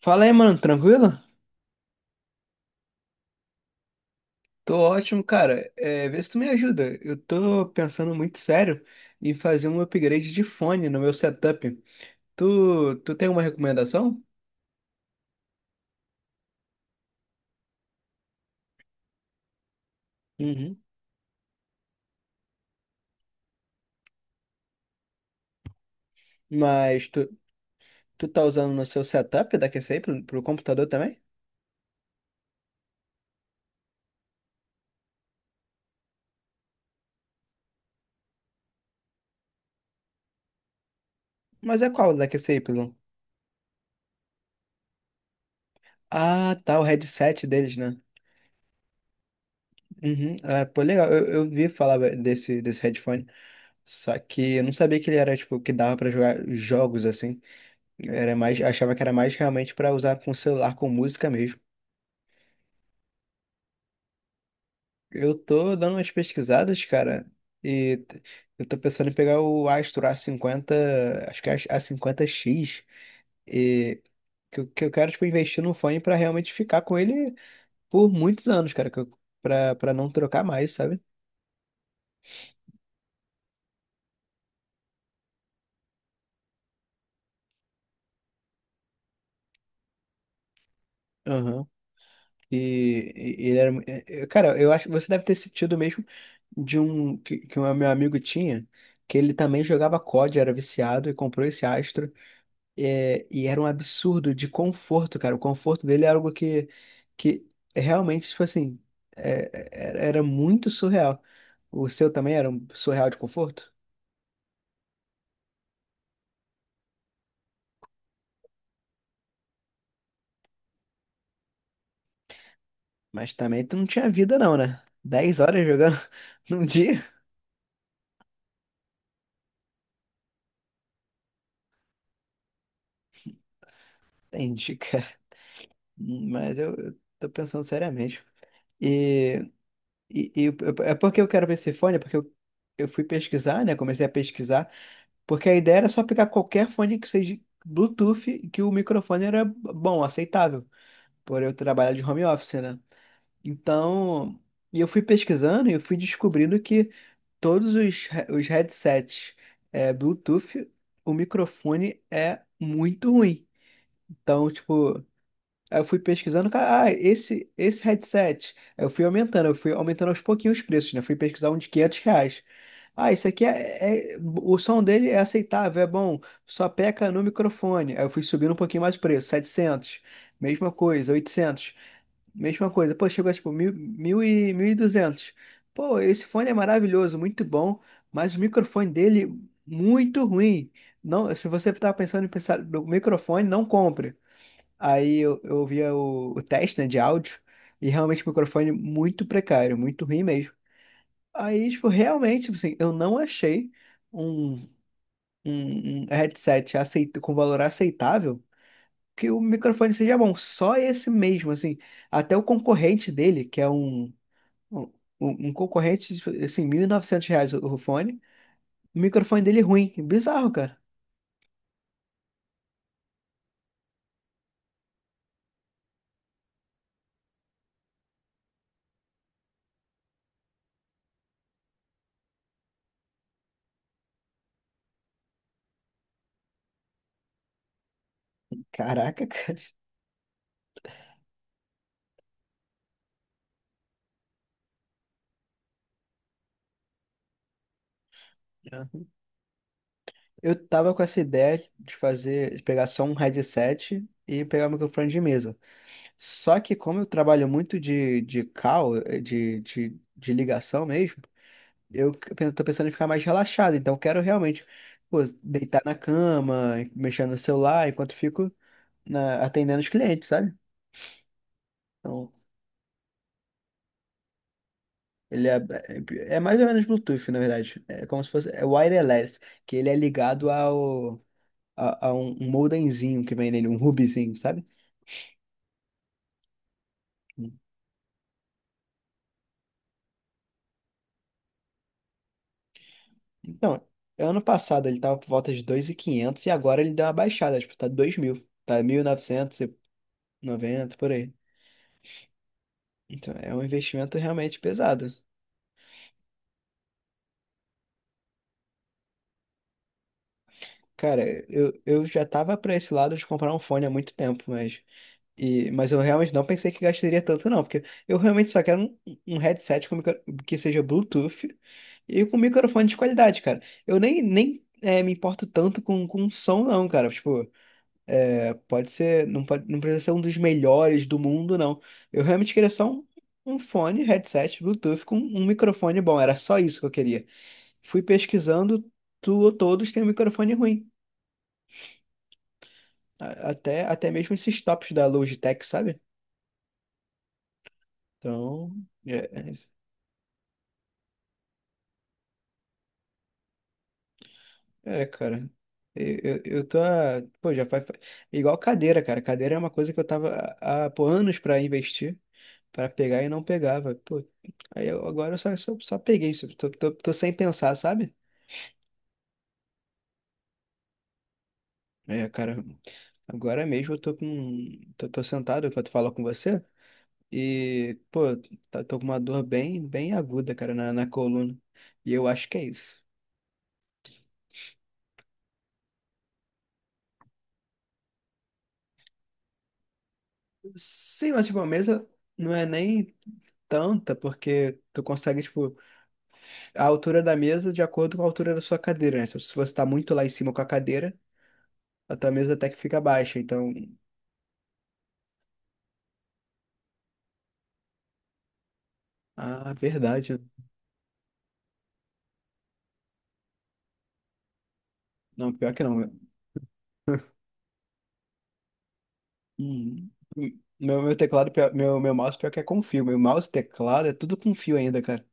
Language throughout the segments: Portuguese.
Fala aí, mano, tranquilo? Tô ótimo, cara. É, vê se tu me ajuda. Eu tô pensando muito sério em fazer um upgrade de fone no meu setup. Tu tem uma recomendação? Uhum. Mas tu tá usando no seu setup da QCY pro computador também? Mas é qual da QCY? Ah, tá, o headset deles, né? Uhum. Ah, pô, legal. Eu vi falar desse headphone. Só que eu não sabia que ele era, tipo, que dava pra jogar jogos assim. Era mais, achava que era mais realmente pra usar com celular, com música mesmo. Eu tô dando umas pesquisadas, cara, e t- eu tô pensando em pegar o Astro a 50 acho que é A50X, e que eu quero, tipo, investir num fone pra realmente ficar com ele por muitos anos, cara, que eu, pra não trocar mais, sabe? Aham. E cara, eu acho que você deve ter sentido mesmo de um que um meu amigo tinha, que ele também jogava COD, era viciado e comprou esse Astro. É, e era um absurdo de conforto, cara. O conforto dele é algo que é realmente, tipo assim, era muito surreal. O seu também era um surreal de conforto? Mas também tu não tinha vida, não, né? 10 horas jogando num dia? Entendi, cara. Mas eu tô pensando seriamente. E, e, e eu- é porque eu quero ver esse fone, é porque eu fui pesquisar, né? Comecei a pesquisar, porque a ideia era só pegar qualquer fone que seja Bluetooth e que o microfone era bom, aceitável. Por eu trabalhar de home office, né? Então, e eu fui pesquisando e eu fui descobrindo que todos os headsets Bluetooth, o microfone é muito ruim. Então, tipo, aí eu fui pesquisando, cara, ah, esse headset. Aí eu fui aumentando aos pouquinhos os preços, né? Fui pesquisar um de R$ 500. Ah, esse aqui o som dele é aceitável, é bom, só peca no microfone. Aí eu fui subindo um pouquinho mais o preço, 700. Mesma coisa. 800. Mesma coisa. Pô, chegou a tipo 1.200. Pô, esse fone é maravilhoso, muito bom, mas o microfone dele muito ruim. Não, se você tá pensando em pensar no microfone, não compre. Aí eu ouvia o teste, né, de áudio e realmente o microfone muito precário, muito ruim mesmo. Aí, tipo, realmente, tipo assim, eu não achei um, um headset aceit com valor aceitável que o microfone seja bom. Só esse mesmo, assim. Até o concorrente dele, que é um, um concorrente, tipo, assim, R$ 1.900 o fone. O microfone dele é ruim. Bizarro, cara. Caraca, cara. Eu tava com essa ideia de fazer, de pegar só um headset e pegar o microfone de mesa. Só que como eu trabalho muito de call, de ligação mesmo, tô pensando em ficar mais relaxado. Então eu quero realmente, pô, deitar na cama, mexendo no celular, enquanto fico atendendo os clientes, sabe? Então, ele é mais ou menos Bluetooth, na verdade. É como se fosse wireless, que ele é ligado a um modemzinho que vem nele, um hubzinho, sabe? Então, ano passado ele tava por volta de 2.500 e 500 e agora ele deu uma baixada, tipo, tá 2.000, tá 1.990 por aí. Então, é um investimento realmente pesado. Cara, eu já tava pra esse lado de comprar um fone há muito tempo, mas, e, eu realmente não pensei que gastaria tanto, não, porque eu realmente só quero um headset com que seja Bluetooth e com microfone de qualidade, cara. Eu nem me importo tanto com som, não, cara. Tipo, pode ser, não pode, não precisa ser um dos melhores do mundo, não. Eu realmente queria só um fone, headset, Bluetooth com um microfone bom. Era só isso que eu queria. Fui pesquisando, tu, todos têm um microfone ruim. Até, até mesmo esses tops da Logitech, sabe? Então, é, cara. Eu pô, igual cadeira, cara. Cadeira é uma coisa que eu tava pô, anos pra investir, pra pegar e não pegava. Pô, agora eu só peguei. Tô sem pensar, sabe? É, cara. Agora mesmo eu tô sentado enquanto falo com você. E, pô, tô com uma dor bem, bem aguda, cara, na coluna. E eu acho que é isso. Sim, mas, tipo, a mesa não é nem tanta, porque tu consegue, tipo. A altura da mesa de acordo com a altura da sua cadeira, né? Então, se você está muito lá em cima com a cadeira, a tua mesa até que fica baixa. Então, ah, verdade. Não, pior que não. Hum. Meu meu mouse, pior que é com fio. Meu mouse, teclado, é tudo com fio ainda, cara.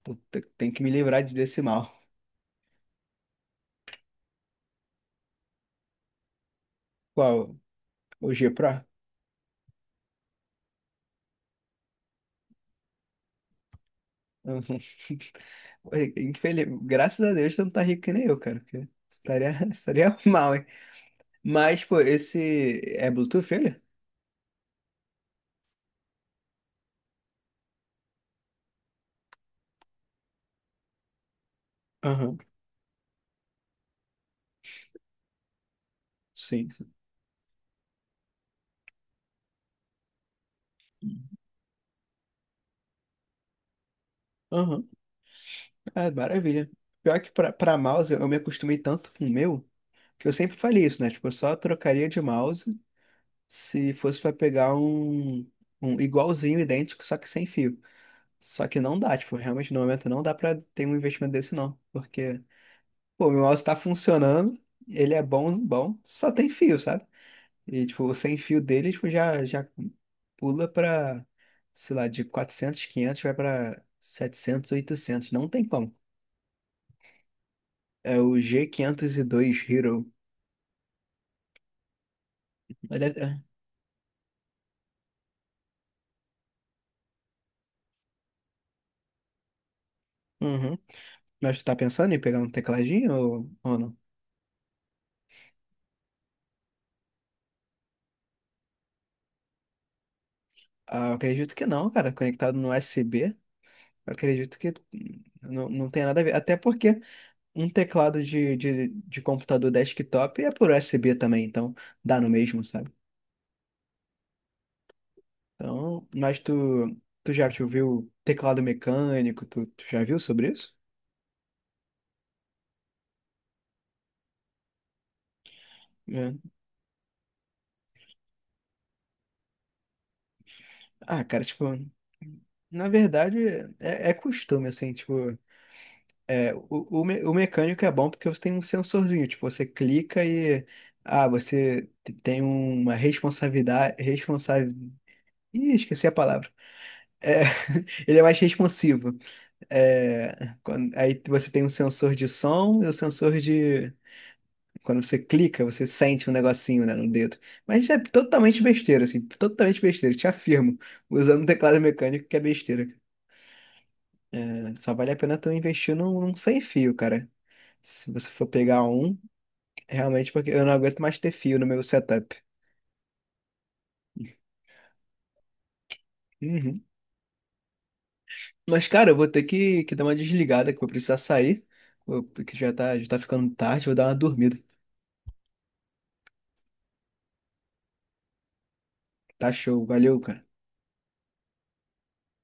Então, tem que me livrar desse mal. Qual? O G Pro? Uhum. Infeliz... Graças a Deus você não tá rico que nem eu, cara. Porque estaria, estaria mal, hein? Mas, pô, esse é Bluetooth, ele? Aham, sim, sim. Aham. Ah, maravilha. Pior que pra mouse, eu me acostumei tanto com o meu, que eu sempre falei isso, né? Tipo, eu só trocaria de mouse se fosse pra pegar um igualzinho, idêntico, só que sem fio. Só que não dá, tipo, realmente no momento não dá pra ter um investimento desse não. Porque, pô, meu mouse tá funcionando, ele é bom, bom, só tem fio, sabe? E, tipo, o sem fio dele, tipo, já pula pra, sei lá, de 400, 500 vai pra 700, 800, não tem como. É o G502 Hero. É. Uhum. Mas tu tá pensando em pegar um tecladinho ou não? Ah, eu acredito que não, cara. Conectado no U S USB, eu acredito que não tem nada a ver. Até porque um teclado de computador desktop é por U S B também, então dá no mesmo, sabe? Então, mas tu já te viu teclado mecânico? Tu já viu sobre isso? É. Ah, cara, tipo, na verdade é costume, assim, tipo. É, o mecânico é bom porque você tem um sensorzinho, tipo, você clica e tem uma responsabilidade, responsável, ih, esqueci a palavra. É, ele é mais responsivo. É, aí você tem um sensor de som e o sensor de quando você clica, você sente um negocinho, né, no dedo. Mas é totalmente besteira, assim, totalmente besteira, te afirmo, usando um teclado mecânico que é besteira. É, só vale a pena tu investir num sem fio, cara. Se você for pegar realmente, porque eu não aguento mais ter fio no meu setup. Uhum. Mas, cara, eu vou ter que dar uma desligada, que eu vou precisar sair, porque já tá ficando tarde, vou dar uma dormida. Tá show, valeu, cara.